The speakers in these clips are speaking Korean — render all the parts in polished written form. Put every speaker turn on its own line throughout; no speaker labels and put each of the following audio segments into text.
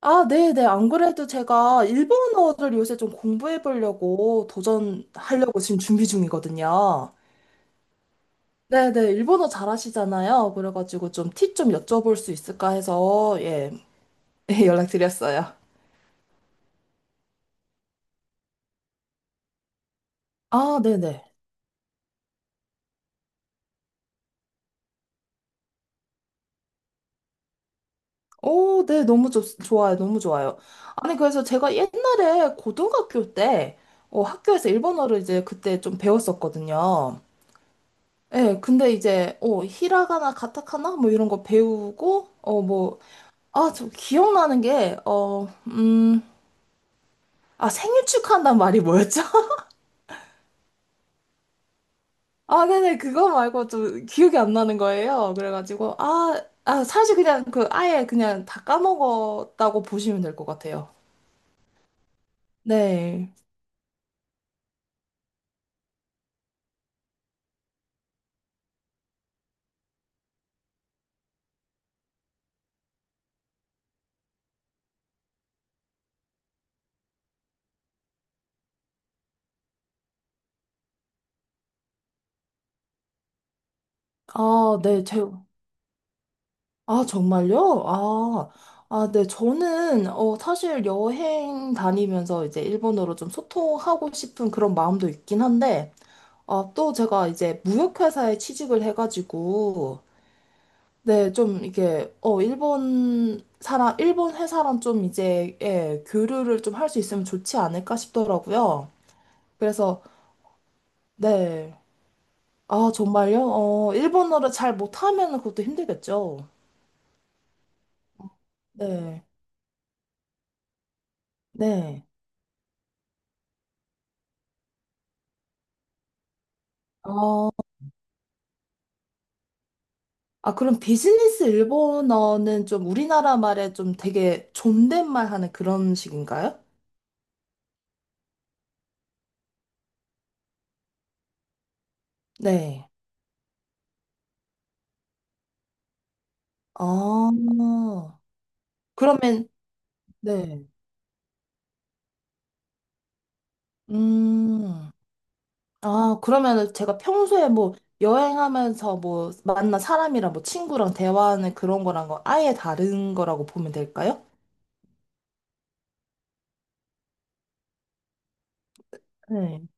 아, 네네. 안 그래도 제가 일본어를 요새 좀 공부해 보려고 도전하려고 지금 준비 중이거든요. 네네. 일본어 잘하시잖아요. 그래가지고 좀 팁 좀 여쭤볼 수 있을까 해서, 예, 예, 연락드렸어요. 아, 네네. 오, 네. 너무 좋아요. 너무 좋아요. 아니, 그래서 제가 옛날에 고등학교 때, 학교에서 일본어를 이제 그때 좀 배웠었거든요. 예, 근데 이제, 히라가나, 가타카나, 뭐 이런 거 배우고, 뭐, 아, 저 기억나는 게, 아, 생일 축하한다는 말이 뭐였죠? 아, 네네, 그거 말고 좀 기억이 안 나는 거예요. 그래가지고, 아, 아, 사실 그냥 그 아예 그냥 다 까먹었다고 보시면 될 것 같아요. 네. 아, 네, 아, 정말요? 아, 아, 네, 저는, 사실 여행 다니면서 이제 일본어로 좀 소통하고 싶은 그런 마음도 있긴 한데, 아, 또 제가 이제 무역회사에 취직을 해가지고, 네, 좀 이게 일본 회사랑 좀 이제 예, 교류를 좀 할 수 있으면 좋지 않을까 싶더라고요. 그래서 네. 아, 정말요? 일본어를 잘 못하면 그것도 힘들겠죠. 네. 네. 어, 아, 그럼 비즈니스 일본어는 좀 우리나라 말에 좀 되게 존댓말 하는 그런 식인가요? 네. 아, 그러면, 네. 음. 아, 그러면은 제가 평소에 뭐 여행하면서 뭐 만난 사람이랑 뭐 친구랑 대화하는 그런 거랑 은 아예 다른 거라고 보면 될까요? 네.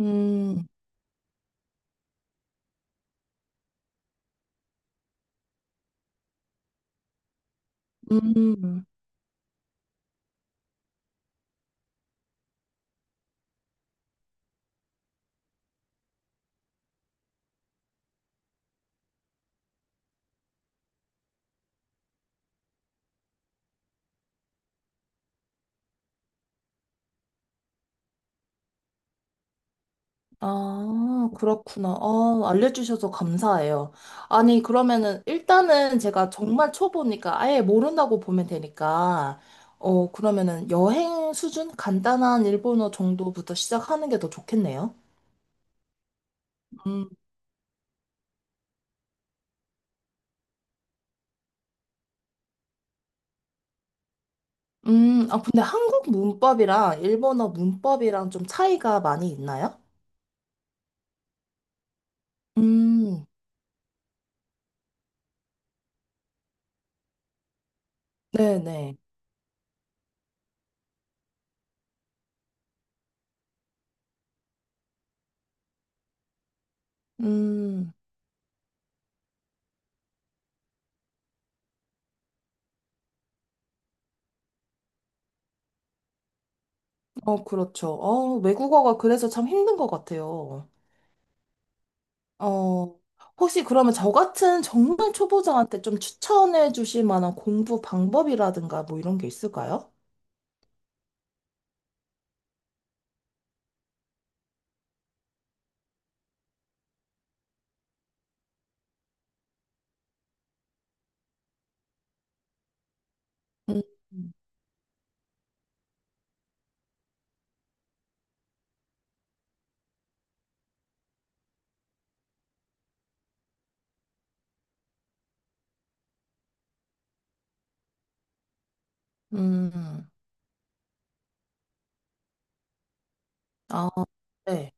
음, 음, 아, 그렇구나. 아, 알려주셔서 감사해요. 아니, 그러면은 일단은 제가 정말 초보니까 아예 모른다고 보면 되니까, 어, 그러면은 여행 수준? 간단한 일본어 정도부터 시작하는 게 더 좋겠네요. 음. 아, 근데 한국 문법이랑 일본어 문법이랑 좀 차이가 많이 있나요? 음, 네네. 음, 어, 그렇죠. 외국어가 그래서 참 힘든 것 같아요. 어, 혹시 그러면 저 같은 정말 초보자한테 좀 추천해 주실 만한 공부 방법이라든가 뭐 이런 게 있을까요? 음, 음, 아, 네.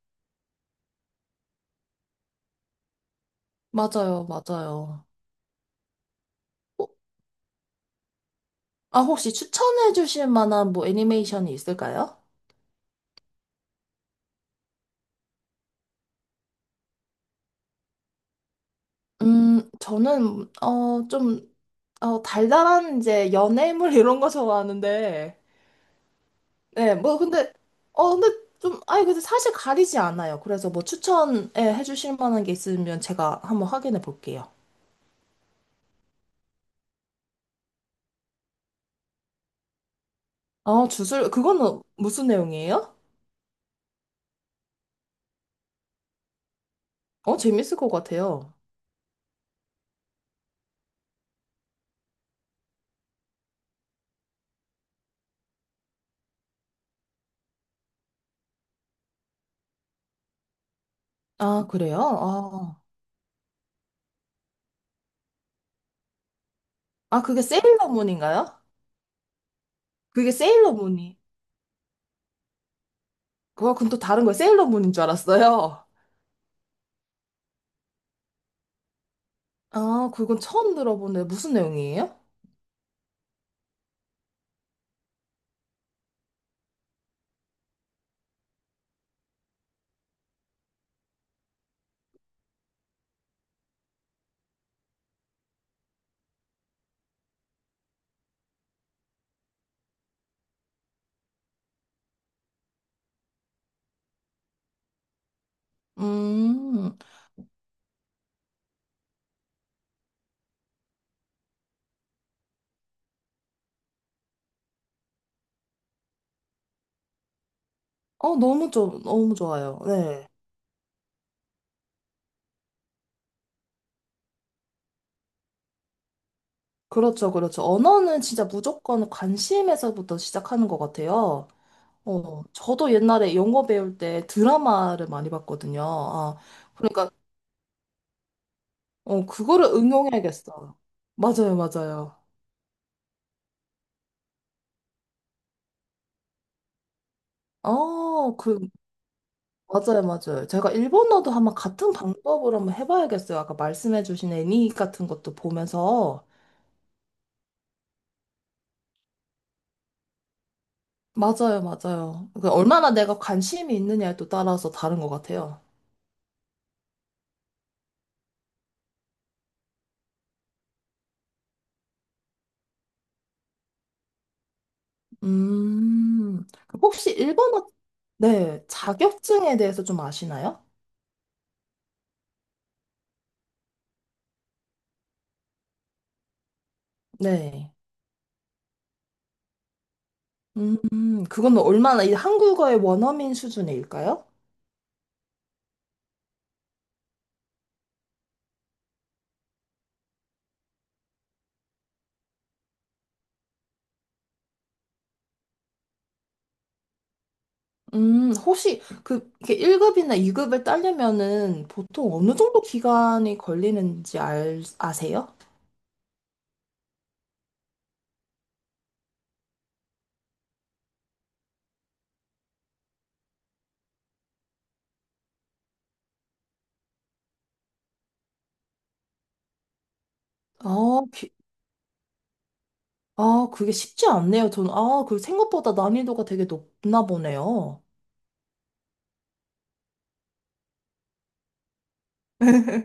맞아요, 맞아요. 어, 아, 혹시 추천해 주실 만한 뭐 애니메이션이 있을까요? 저는, 어, 달달한 이제 연애물 이런 거 좋아하는데, 네, 뭐, 근데, 어, 근데 좀, 아니, 근데 사실 가리지 않아요. 그래서 뭐 추천해 주실 만한 게 있으면 제가 한번 확인해 볼게요. 아, 주술, 그거는 무슨 내용이에요? 어, 재밌을 것 같아요. 아, 그래요? 아, 아, 그게 세일러문인가요? 그게 세일러문이. 그건 또 다른 거예요. 세일러문인 줄 알았어요. 아, 그건 처음 들어보네. 무슨 내용이에요? 음. 어, 너무 좋아요. 네. 그렇죠, 그렇죠. 언어는 진짜 무조건 관심에서부터 시작하는 것 같아요. 어, 저도 옛날에 영어 배울 때 드라마를 많이 봤거든요. 아, 그러니까, 그거를 응용해야겠어요. 맞아요, 맞아요. 어, 그, 맞아요, 맞아요. 제가 일본어도 한번 같은 방법으로 한번 해봐야겠어요. 아까 말씀해주신 애니 같은 것도 보면서. 맞아요, 맞아요. 그 얼마나 내가 관심이 있느냐에 또 따라서 다른 것 같아요. 음, 혹시 일본어, 네, 자격증에 대해서 좀 아시나요? 네. 음, 그건 얼마나 이 한국어의 원어민 수준일까요? 혹시 그 이렇게 1급이나 2급을 따려면은 보통 어느 정도 기간이 걸리는지 알, 아세요? 아, 아, 그게 쉽지 않네요. 저는, 아, 그 생각보다 난이도가 되게 높나 보네요.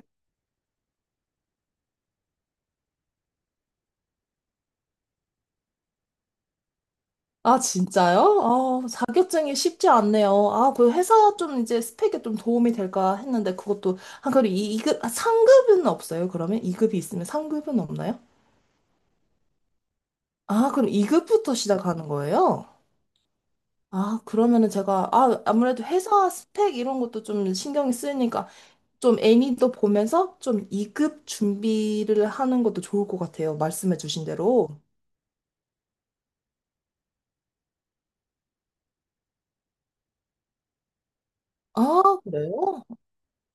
아, 진짜요? 아, 자격증이 쉽지 않네요. 아, 그 회사 좀 이제 스펙에 좀 도움이 될까 했는데 그것도, 아, 그리고 이급 아, 상급은 없어요? 그러면? 이급이 있으면 상급은 없나요? 아, 그럼 이급부터 시작하는 거예요? 아, 그러면은 제가, 아, 아무래도 회사 스펙 이런 것도 좀 신경이 쓰이니까 좀 애니도 보면서 좀이급 준비를 하는 것도 좋을 것 같아요. 말씀해 주신 대로. 아, 그래요?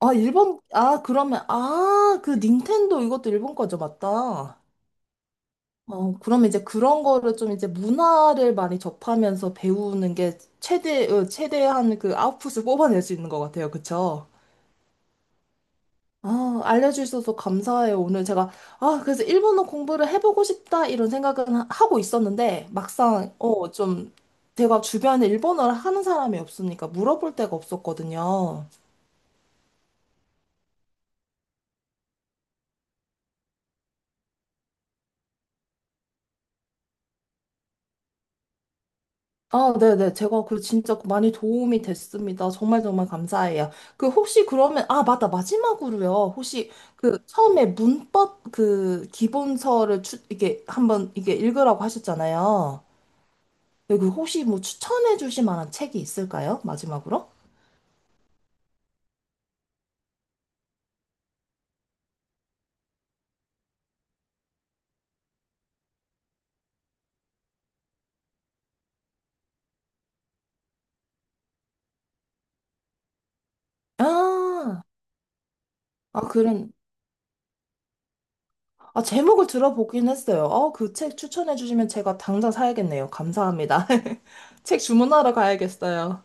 아, 일본, 아, 그러면, 아, 그 닌텐도 이것도 일본 거죠, 맞다. 어, 그럼 이제 그런 거를 좀 이제 문화를 많이 접하면서 배우는 게 최대, 어, 최대한 그 아웃풋을 뽑아낼 수 있는 것 같아요. 그쵸? 아, 알려주셔서 감사해요. 오늘 제가, 아, 그래서 일본어 공부를 해보고 싶다, 이런 생각은 하고 있었는데, 막상, 어, 좀, 제가 주변에 일본어를 하는 사람이 없으니까 물어볼 데가 없었거든요. 아, 네네. 제가 그 진짜 그 많이 도움이 됐습니다. 정말 정말 감사해요. 그 혹시 그러면, 아, 맞다. 마지막으로요. 혹시 그 처음에 문법 그 기본서를 이게 한번 이게 읽으라고 하셨잖아요. 네, 그 혹시 뭐 추천해 주실 만한 책이 있을까요? 마지막으로? 아, 아, 그런, 아, 제목을 들어보긴 했어요. 어, 그 책 추천해 주시면 제가 당장 사야겠네요. 감사합니다. 책 주문하러 가야겠어요.